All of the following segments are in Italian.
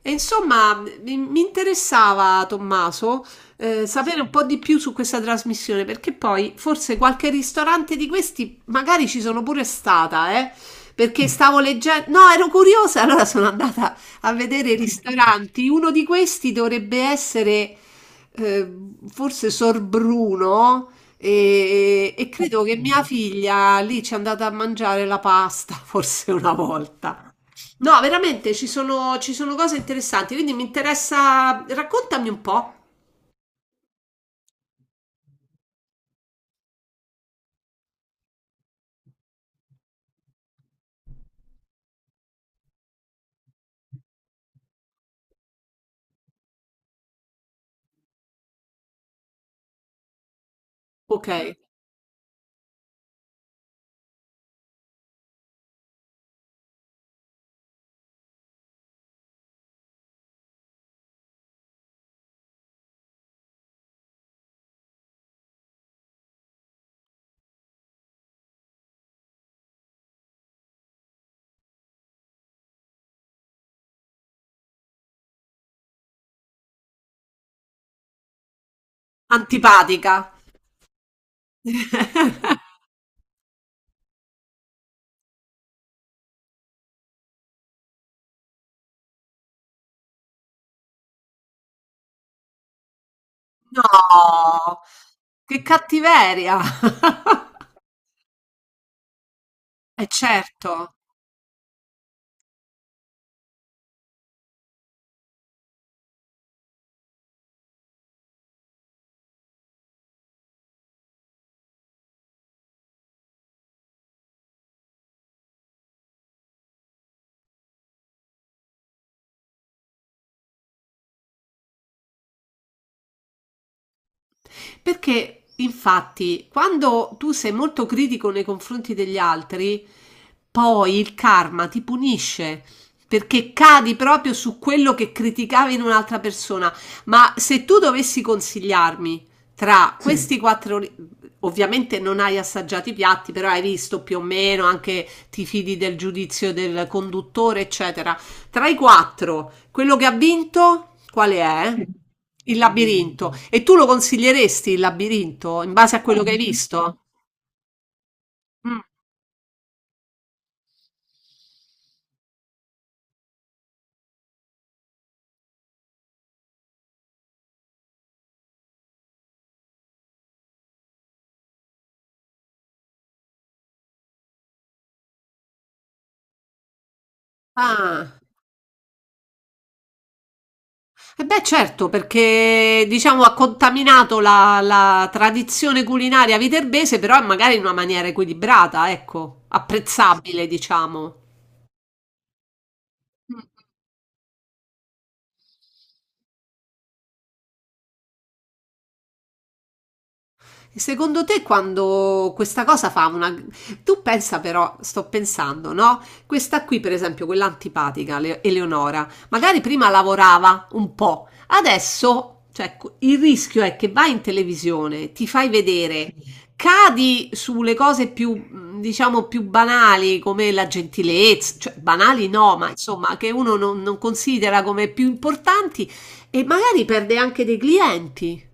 E insomma, mi interessava, Tommaso, sapere un po' di più su questa trasmissione, perché poi forse qualche ristorante di questi magari ci sono pure stata, perché stavo leggendo... No, ero curiosa, allora sono andata a vedere i ristoranti. Uno di questi dovrebbe essere eh, forse Sorbruno e credo che mia figlia lì ci è andata a mangiare la pasta, forse una volta. No, veramente ci sono cose interessanti, quindi mi interessa. Raccontami un po'. Ok, antipatica. No, che cattiveria! E certo. Perché infatti quando tu sei molto critico nei confronti degli altri, poi il karma ti punisce. Perché cadi proprio su quello che criticavi in un'altra persona. Ma se tu dovessi consigliarmi tra Sì. questi quattro, ovviamente non hai assaggiato i piatti, però hai visto più o meno, anche ti fidi del giudizio del conduttore, eccetera. Tra i quattro, quello che ha vinto, quale è? Il labirinto. E tu lo consiglieresti il labirinto in base a quello che hai visto? Mm. Ah, e beh, certo, perché diciamo ha contaminato la tradizione culinaria viterbese, però magari in una maniera equilibrata, ecco, apprezzabile, diciamo. E secondo te quando questa cosa fa una... Tu pensa però, sto pensando, no? Questa qui, per esempio, quella antipatica, Eleonora, magari prima lavorava un po', adesso, cioè, il rischio è che vai in televisione, ti fai vedere, cadi sulle cose più, diciamo, più banali, come la gentilezza, cioè banali no, ma insomma, che uno non considera come più importanti e magari perde anche dei clienti.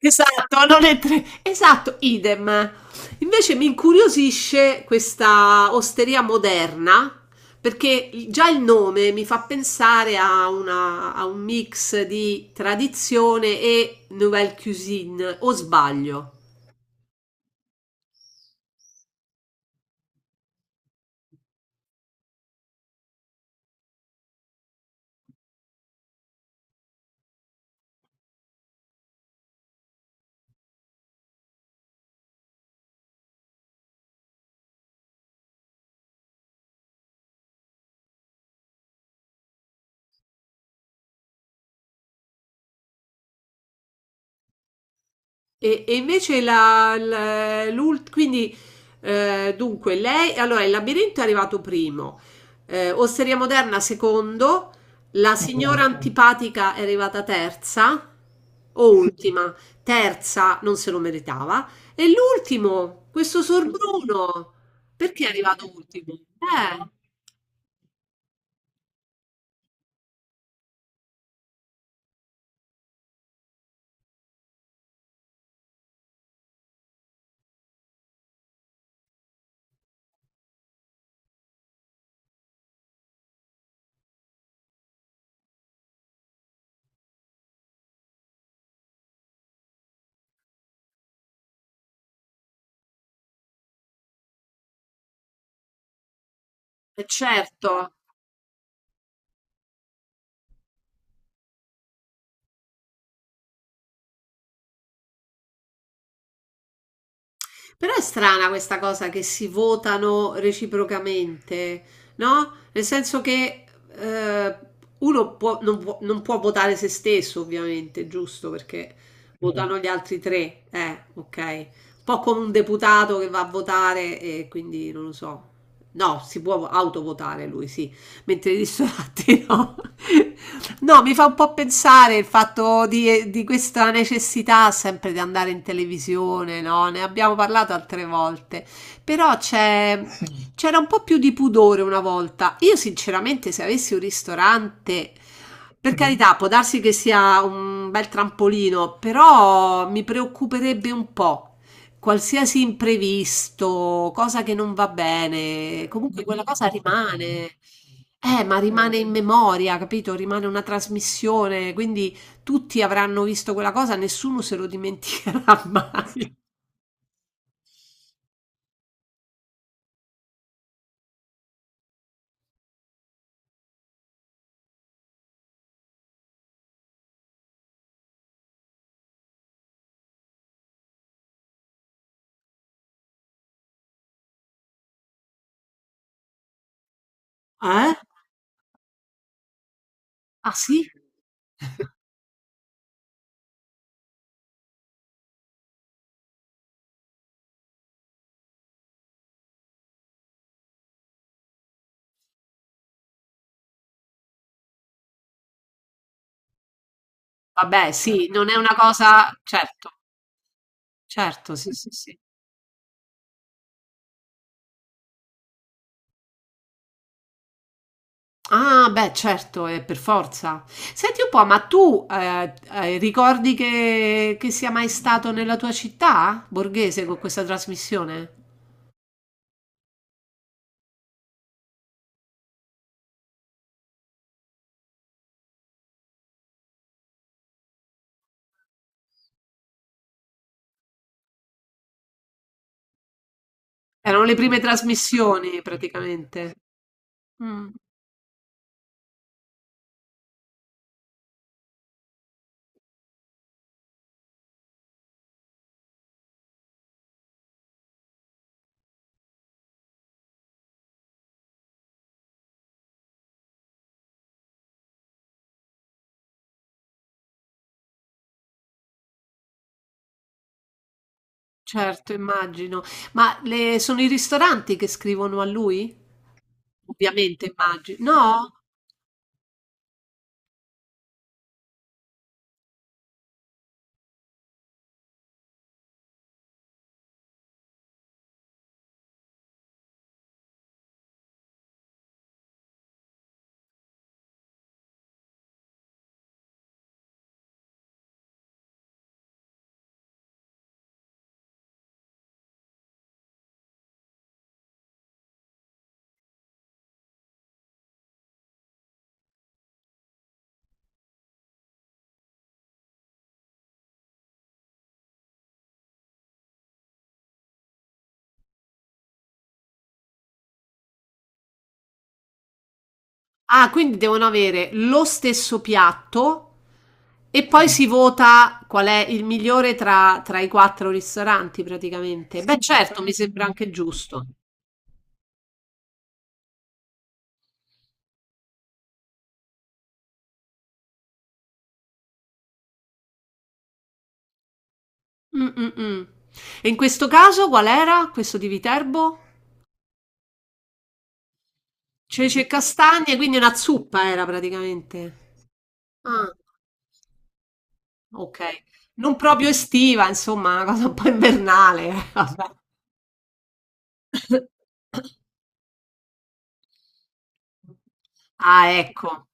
Esatto, non è tre- esatto, idem. Invece mi incuriosisce questa osteria moderna perché già il nome mi fa pensare a, a un mix di tradizione e nouvelle cuisine, o sbaglio? E invece quindi dunque lei, allora il labirinto è arrivato primo, Osteria Moderna secondo, la signora antipatica è arrivata terza o ultima, terza non se lo meritava e l'ultimo, questo Sorbruno, perché è arrivato ultimo? Certo. Però è strana questa cosa che si votano reciprocamente, no? Nel senso che eh, non può, non può votare se stesso, ovviamente, giusto? Perché votano gli altri tre, ok. Un po' come un deputato che va a votare e quindi non lo so. No, si può autovotare lui, sì, mentre i ristoranti no. No, mi fa un po' pensare il fatto di questa necessità sempre di andare in televisione, no? Ne abbiamo parlato altre volte, però c'era un po' più di pudore una volta. Io sinceramente se avessi un ristorante, per carità, può darsi che sia un bel trampolino, però mi preoccuperebbe un po'. Qualsiasi imprevisto, cosa che non va bene, comunque quella cosa rimane. Ma rimane in memoria, capito? Rimane una trasmissione, quindi tutti avranno visto quella cosa, nessuno se lo dimenticherà mai. Eh? Ah sì? Vabbè, sì, non è una cosa... Certo, certo, sì, sì, sì. Ah, beh, certo, è per forza. Senti un po', ma tu ricordi che sia mai stato nella tua città, Borghese, con questa trasmissione? Erano le prime trasmissioni, praticamente. Mm. Certo, immagino. Ma sono i ristoranti che scrivono a lui? Ovviamente, immagino. No? Ah, quindi devono avere lo stesso piatto e poi si vota qual è il migliore tra i quattro ristoranti, praticamente. Beh, certo, mi sembra anche giusto. Mm, mm, mm. E in questo caso qual era questo di Viterbo? Ceci e castagne, quindi una zuppa era praticamente. Ah. Okay. Non proprio estiva, insomma, una cosa un po' invernale. Vabbè. Ah, ecco.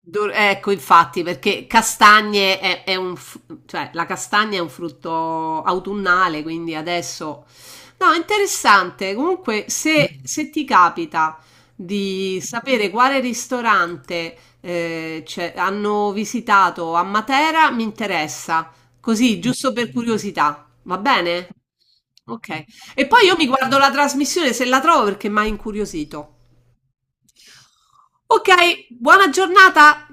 Ecco, infatti, perché castagne è un, cioè, la castagna è un frutto autunnale, quindi adesso... No, interessante. Comunque, se ti capita di sapere quale ristorante cioè, hanno visitato a Matera, mi interessa. Così, giusto per curiosità. Va bene? Ok. E poi io mi guardo la trasmissione se la trovo perché mi ha incuriosito. Ok, buona giornata.